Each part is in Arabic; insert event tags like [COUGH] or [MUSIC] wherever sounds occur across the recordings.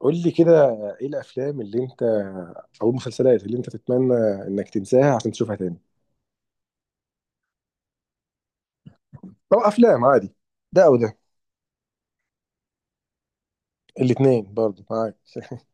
قول لي كده، ايه الافلام اللي انت او المسلسلات اللي انت تتمنى انك تنساها عشان تشوفها تاني، او افلام عادي، ده او ده؟ الاثنين برضه معاك. [LAUGHS]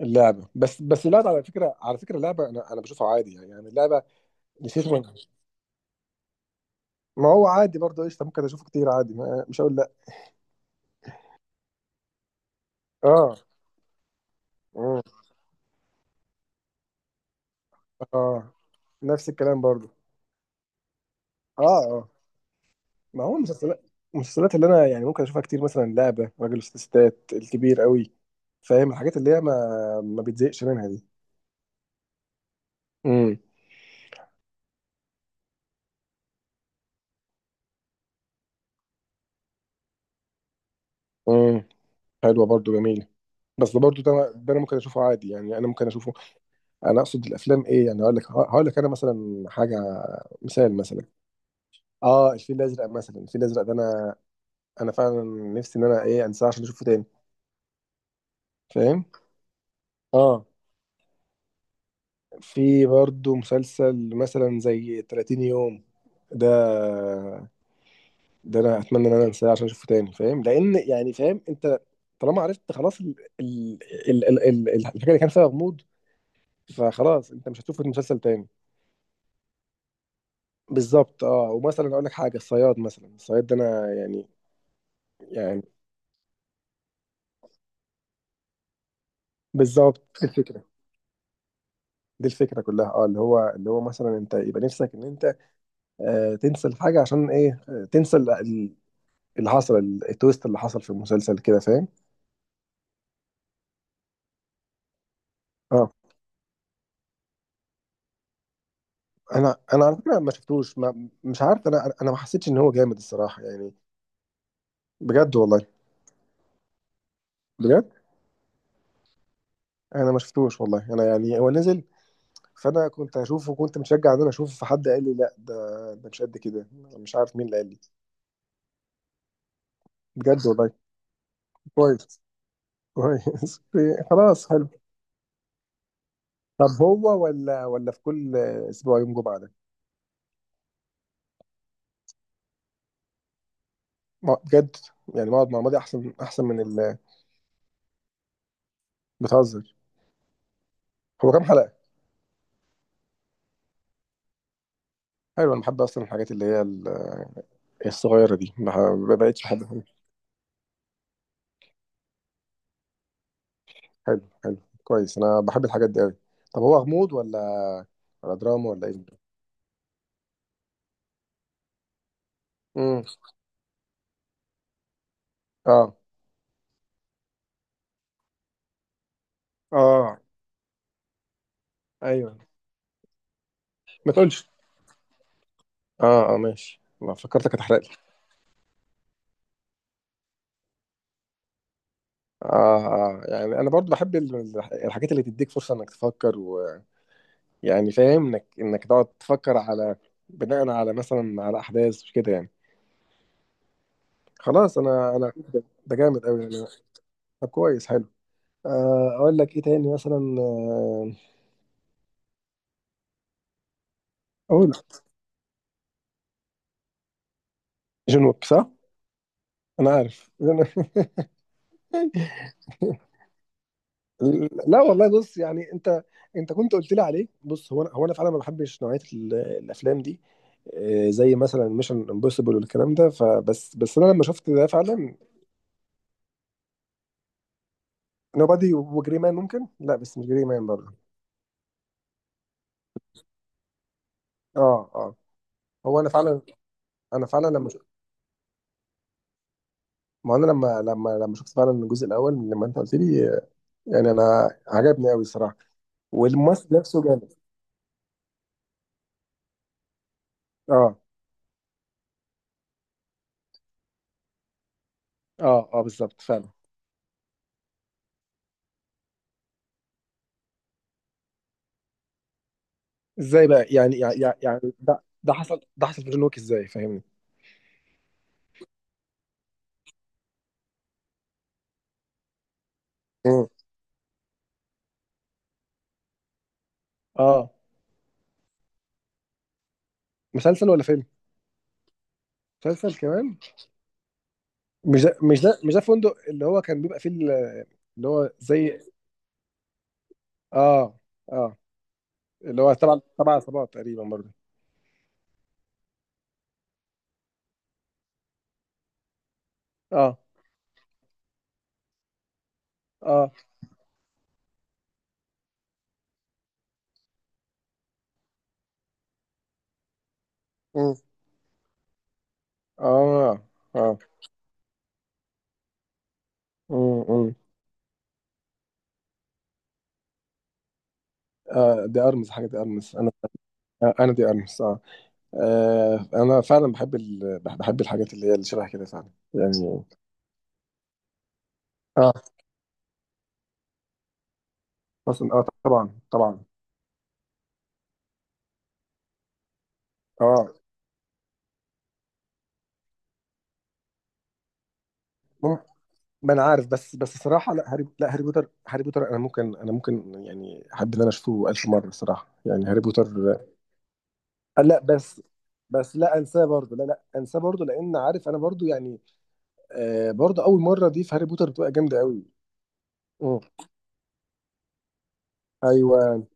اللعبه، بس اللعبه، على فكره اللعبه انا بشوفها عادي، يعني اللعبه. نسيت من- ما هو عادي برضه، قشطه، ممكن اشوفه كتير عادي، ما مش هقول لا. اه، اه، آه. نفس الكلام برضه. اه، اه. ما هو المسلسلات، المسلسلات اللي انا يعني ممكن اشوفها كتير، مثلا لعبه، راجل وست ستات، الكبير قوي، فاهم؟ الحاجات اللي هي ما بتزهقش منها دي. امم امم حلوه برضو، جميله. بس ده برضو ده، انا ممكن اشوفه عادي، يعني انا ممكن اشوفه. انا اقصد الافلام ايه، يعني هقول لك انا مثلا حاجه، مثال مثلا. اه، الفيل الازرق مثلا. الفيل الازرق ده انا فعلا نفسي ان انا ايه انساه عشان اشوفه تاني، فاهم؟ اه، في برضو مسلسل مثلا زي 30 يوم. ده ده انا اتمنى ان انا انساه عشان اشوفه تاني، فاهم؟ لان يعني فاهم انت، طالما عرفت خلاص، ال... الحاجه اللي كان فيها غموض، فخلاص انت مش هتشوف المسلسل تاني. بالظبط، اه، ومثلا اقول لك حاجه، الصياد مثلا. الصياد ده انا يعني، يعني بالظبط دي الفكره. دي الفكره كلها، اه، اللي هو مثلا انت يبقى نفسك ان انت آه تنسى الحاجه، عشان ايه آه تنسى اللي حصل، التويست اللي حصل في المسلسل كده، فاهم؟ اه، انا على فكره ما شفتوش، ما مش عارف، انا ما حسيتش ان هو جامد الصراحه، يعني. بجد والله. بجد. انا ما شفتوش والله. انا يعني هو نزل، فانا كنت هشوفه وكنت مشجع ان انا اشوفه، فحد قال لي لا، ده مش قد كده. مش عارف مين اللي قال لي. بجد والله. كويس، كويس. [LAUGHS] خلاص حلو. طب هو ولا في كل اسبوع يوم جمعه ده؟ بجد، يعني بقعد مع ماضي احسن، احسن من ال... بتهزر؟ هو كام حلقه؟ حلو، انا بحب اصلا الحاجات اللي هي الصغيره دي، ما بقتش بحب. حلو، حلو. كويس، انا بحب الحاجات دي قوي. طب هو غموض، ولا ولا دراما، ولا ايه؟ امم اه، اه، ايوه. ما تقولش. اه، اه، ماشي، ما فكرتك هتحرق لي. آه، اه، آه، يعني انا برضو بحب الحاجات اللي تديك فرصه انك تفكر، ويعني فاهم انك تقعد تفكر على، بناء على مثلا على احداث كده، يعني خلاص، انا ده جامد قوي يعني. طب كويس، حلو. آه اقول لك ايه تاني مثلا، آه اقول، جون ويك، صح. انا عارف. [LAUGHS] لا والله، بص يعني انت، انت كنت قلت لي عليه. بص هو انا، هو انا فعلا ما بحبش نوعيه الافلام دي، آه، زي مثلا ميشن امبوسيبل والكلام ده، فبس بس انا لما شفت ده فعلا. نوبادي وجري مان ممكن، لا بس مش جري مان برضه. اه، اه، هو انا فعلا، انا فعلا لما شفت، ما انا لما شفت فعلا الجزء الاول لما انت قلت لي، آه، يعني انا عجبني قوي الصراحه، والممثل نفسه جامد. اه، اه، اه، بالظبط فعلا. ازاي بقى يعني، يعني ده حصل، ده حصل في جون ويك ازاي، فاهمني؟ اه، مسلسل ولا فيلم؟ مسلسل كمان. مش ده فندق اللي هو كان بيبقى فيه اللي هو زي. اه، اه، اللي هو تبع عصابات تقريبا برضه. اه، اه. مم. اه، اه. مم. مم. آه، دي ارمس حاجه، دي ارمس، انا. آه انا دي ارمس اه. آه، انا فعلا بحب ال... بحب الحاجات اللي هي اللي شبه كده فعلا، يعني. اه اصلا، اه طبعا، طبعا. اه، ما انا عارف، بس الصراحه لا، هاري، لا هاري بوتر، هاري بوتر انا ممكن يعني احب ان انا اشوفه 1000 مره الصراحه، يعني هاري بوتر. آه، لا، بس لا انساه برضه، لا لا انساه برضه لان عارف انا برضه يعني، آه، برضه اول مره دي في هاري بوتر بتبقى جامده قوي. مم. ايوه.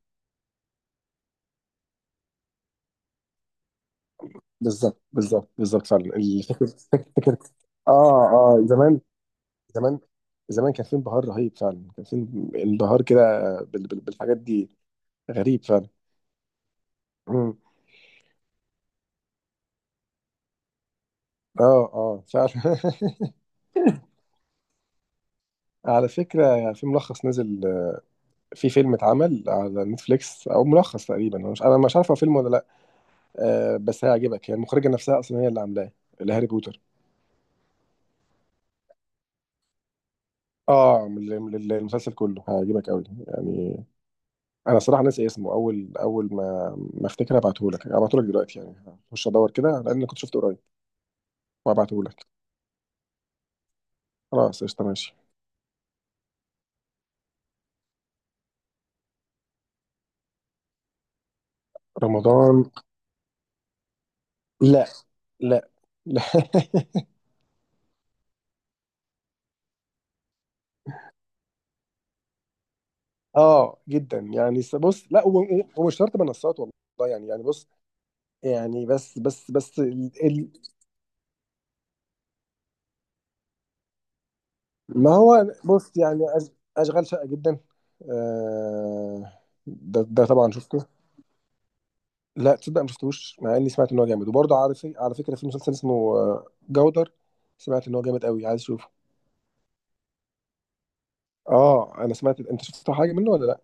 بالظبط، بالظبط، بالظبط فعلا. [LAUGHS] اه، اه. زمان، زمان، زمان كان في انبهار رهيب فعلا. كان في انبهار كده بالحاجات دي. غريب فعلا. مم. اه، اه، فعلا. [LAUGHS] على فكرة في ملخص نزل، في فيلم اتعمل على نتفليكس، او ملخص تقريبا، انا مش عارف هو فيلم ولا لا. آه، بس هيعجبك يعني. المخرجة نفسها اصلا هي اللي عاملاه، اللي هاري بوتر. اه، من المسلسل كله، هيعجبك قوي يعني. انا صراحة ناسي اسمه. اول ما افتكر هبعته لك، هبعته لك دلوقتي يعني. هخش ادور كده لان كنت شفته قريب، وهبعته لك. خلاص قشطة، ماشي. رمضان. لا، لا، لا. [LAUGHS] اه، جدا، يعني بص لا، ومش شرط منصات والله، يعني، يعني بص، يعني بس ال... ال... ما هو بص يعني اشغال شقة جدا، آه... ده طبعا شفته. لا تصدق ما شفتوش، مع اني سمعت ان هو جامد. وبرضه على في... على فكرة في مسلسل اسمه آه، جودر، سمعت ان هو جامد قوي، عايز اشوفه. اه، انا سمعت، انت شفت حاجة منه ولا لا؟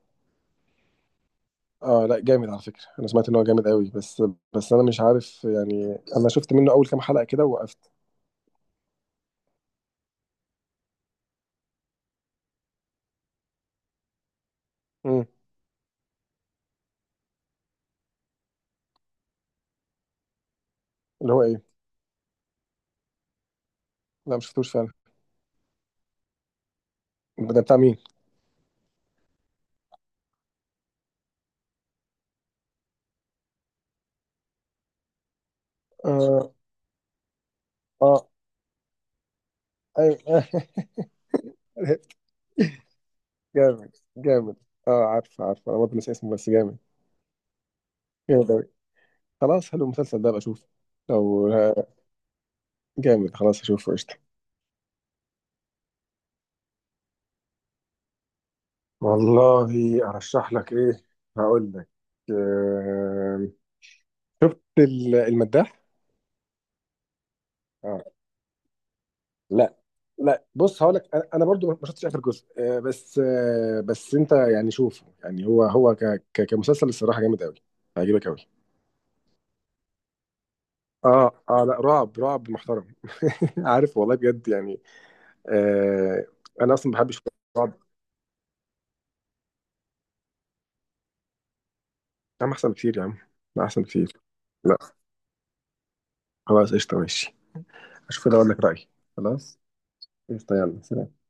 اه لا جامد، على فكرة انا سمعت ان هو جامد قوي، بس انا مش عارف يعني. انا شفت منه اول كام حلقة كده ووقفت. امم. اللي هو ايه؟ لا ما شفتوش فعلا. ده بتاع مين؟ اه، اه، ايوه. [LAUGHS] عرفت. جامد، جامد. اه، عارف، عارف، انا برضه ناسي اسمه بس جامد، جامد اوي. خلاص حلو، المسلسل ده ابقى اشوفه لو، جامد، خلاص اشوفه قشطة. والله ارشح لك ايه، هقول لك، آه... شفت المداح؟ آه. لا، لا بص هقول لك انا، أنا برضو ما شفتش اخر جزء، آه بس، آه بس انت يعني شوفه، يعني هو هو كمسلسل الصراحه جامد قوي، هيعجبك قوي. اه، اه، لا، رعب، رعب محترم. [LAUGHS] عارف والله بجد يعني، آه، انا اصلا ما بحبش الرعب. يا عم احسن بكتير، يا عم لا احسن بكتير. لا، خلاص قشطه، ماشي. اشوف كده اقول لك رايي. خلاص، قشطه، يلا، سلام.